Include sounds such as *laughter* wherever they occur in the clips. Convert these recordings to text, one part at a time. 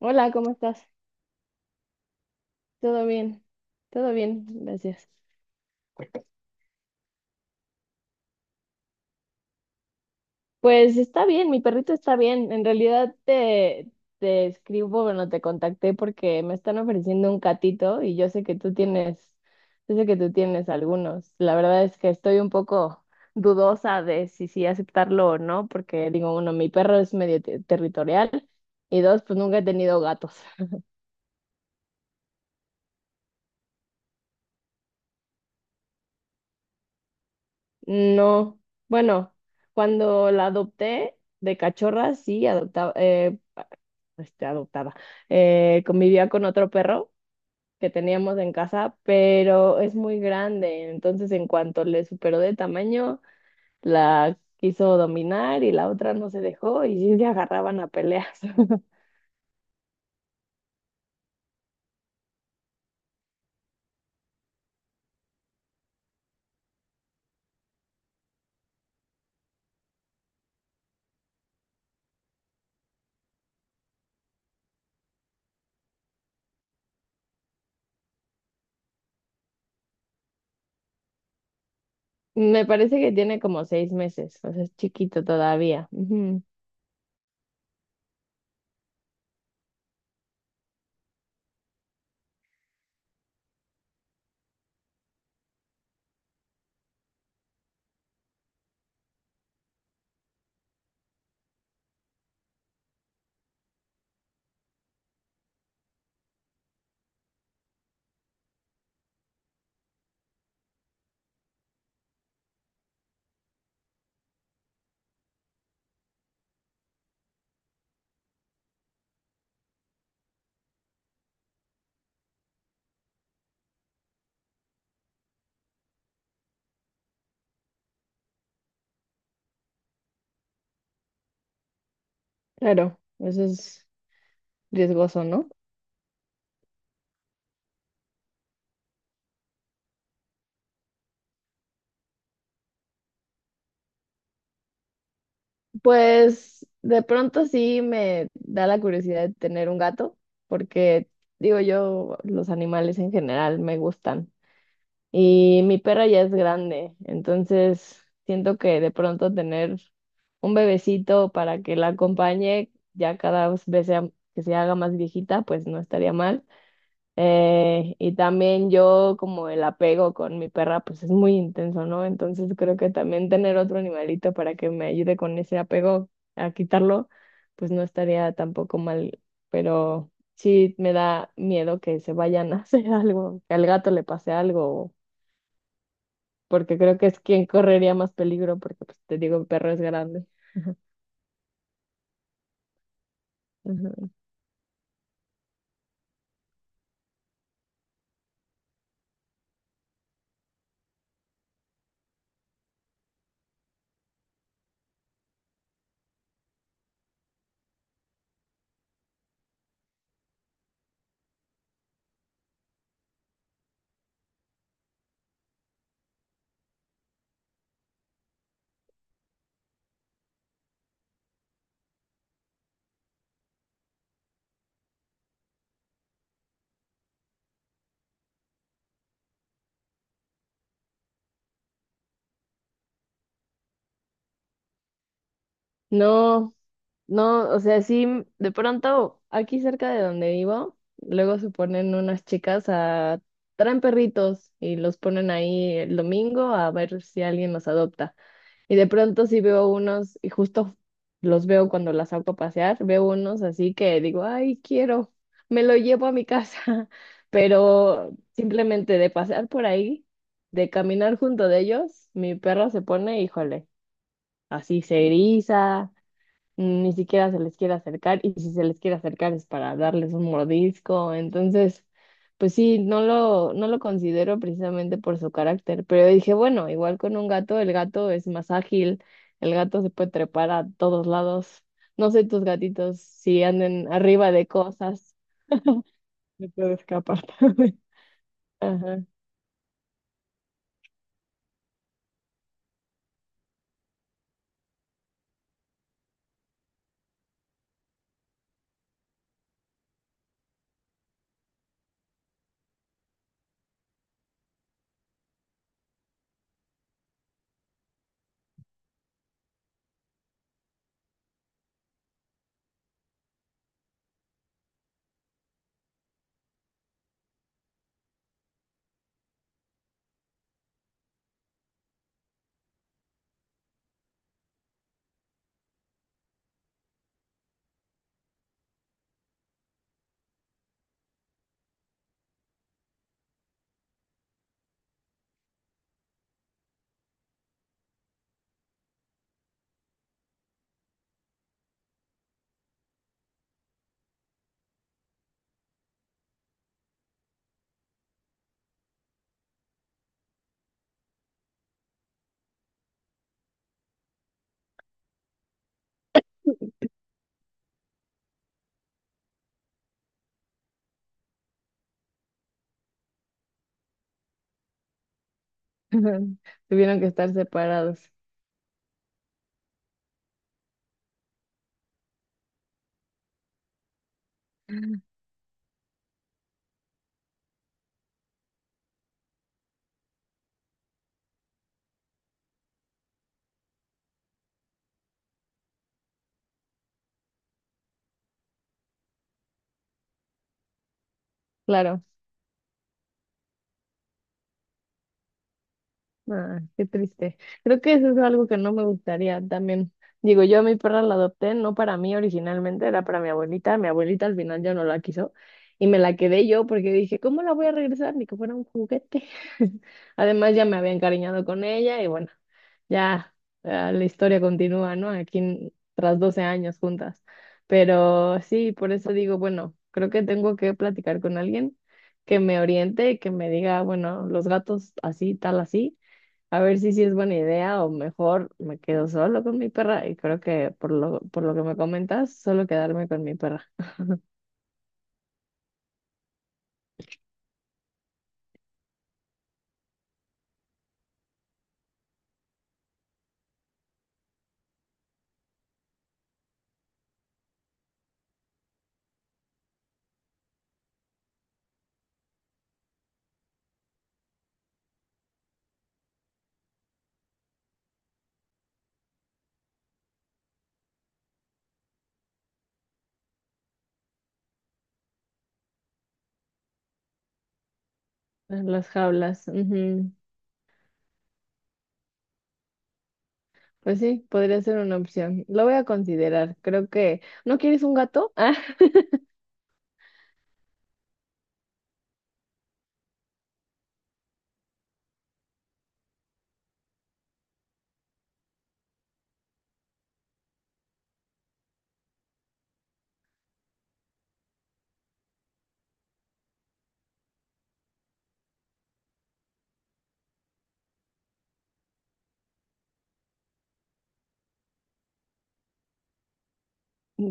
Hola, ¿cómo estás? ¿Todo bien? Todo bien, gracias. Pues está bien, mi perrito está bien. En realidad te escribo, bueno, te contacté porque me están ofreciendo un catito y yo sé que tú tienes algunos. La verdad es que estoy un poco dudosa de si sí aceptarlo o no, porque digo, uno, mi perro es medio territorial y dos, pues nunca he tenido gatos. *laughs* No, bueno, cuando la adopté de cachorra, sí, adoptada, convivía con otro perro que teníamos en casa, pero es muy grande, entonces en cuanto le superó de tamaño, la quiso dominar y la otra no se dejó y sí se agarraban a peleas. *laughs* Me parece que tiene como 6 meses, o sea, es chiquito todavía. Ujú. Claro, eso es riesgoso, ¿no? Pues de pronto sí me da la curiosidad de tener un gato, porque digo yo, los animales en general me gustan. Y mi perra ya es grande, entonces siento que de pronto tener un bebecito para que la acompañe ya cada vez que se haga más viejita, pues no estaría mal. Y también yo como el apego con mi perra, pues es muy intenso, ¿no? Entonces creo que también tener otro animalito para que me ayude con ese apego a quitarlo, pues no estaría tampoco mal, pero sí me da miedo que se vayan a *laughs* hacer algo, que al gato le pase algo porque creo que es quien correría más peligro, porque pues te digo, el perro es grande. Ujú. No, no, o sea, sí, de pronto aquí cerca de donde vivo, luego se ponen unas chicas a traen perritos y los ponen ahí el domingo a ver si alguien los adopta. Y de pronto sí veo unos, y justo los veo cuando las saco a pasear, veo unos así que digo, ay, quiero, me lo llevo a mi casa, *laughs* pero simplemente de pasear por ahí, de caminar junto de ellos, mi perro se pone, híjole, así se eriza, ni siquiera se les quiere acercar y si se les quiere acercar es para darles un mordisco. Entonces, pues sí, no lo considero precisamente por su carácter, pero dije, bueno, igual con un gato, el gato es más ágil, el gato se puede trepar a todos lados. No sé tus gatitos si anden arriba de cosas, se puede escapar *laughs* también. Ajá. *laughs* Tuvieron que estar separados. Claro. Ah, qué triste. Creo que eso es algo que no me gustaría también. Digo, yo a mi perra la adopté, no para mí originalmente, era para mi abuelita. Mi abuelita al final ya no la quiso y me la quedé yo porque dije, ¿cómo la voy a regresar? Ni que fuera un juguete. *laughs* Además, ya me había encariñado con ella y bueno, ya, ah, la historia continúa, ¿no? Aquí tras 12 años juntas. Pero sí, por eso digo, bueno, creo que tengo que platicar con alguien que me oriente y que me diga, bueno, los gatos así, tal, así a ver si sí es buena idea o mejor me quedo solo con mi perra y creo que por lo que me comentas, solo quedarme con mi perra. En las jaulas, ujú. Pues sí, podría ser una opción. Lo voy a considerar. Creo que... ¿No quieres un gato? *laughs* Ah,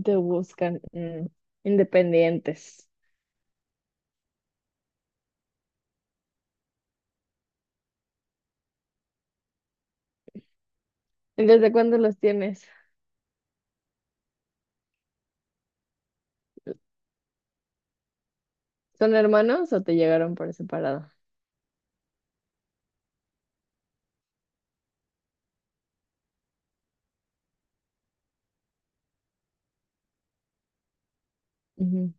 te buscan. Independientes. ¿Y desde cuándo los tienes? ¿Son hermanos o te llegaron por separado? Ujú.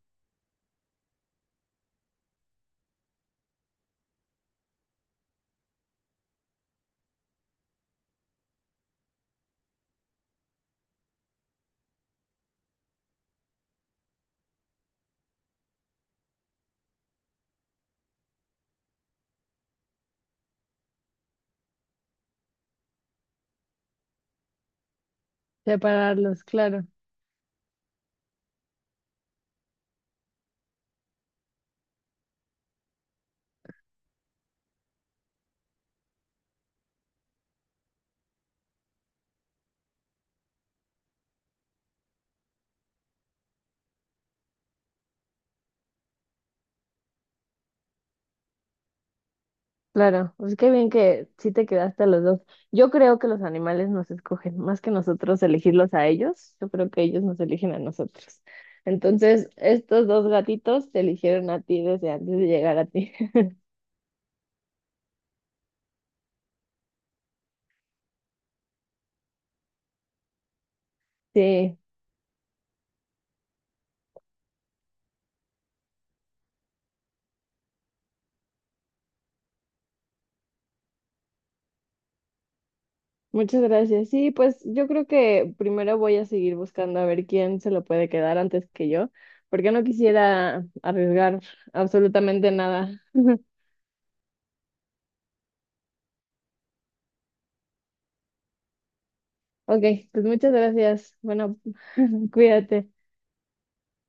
Separarlos, claro. Claro, pues qué bien que sí te quedaste a los dos. Yo creo que los animales nos escogen, más que nosotros elegirlos a ellos, yo creo que ellos nos eligen a nosotros. Entonces, estos dos gatitos te eligieron a ti desde antes de llegar a ti. *laughs* Sí, muchas gracias. Sí, pues yo creo que primero voy a seguir buscando a ver quién se lo puede quedar antes que yo, porque no quisiera arriesgar absolutamente nada. Ok, pues muchas gracias. Bueno, *laughs* cuídate.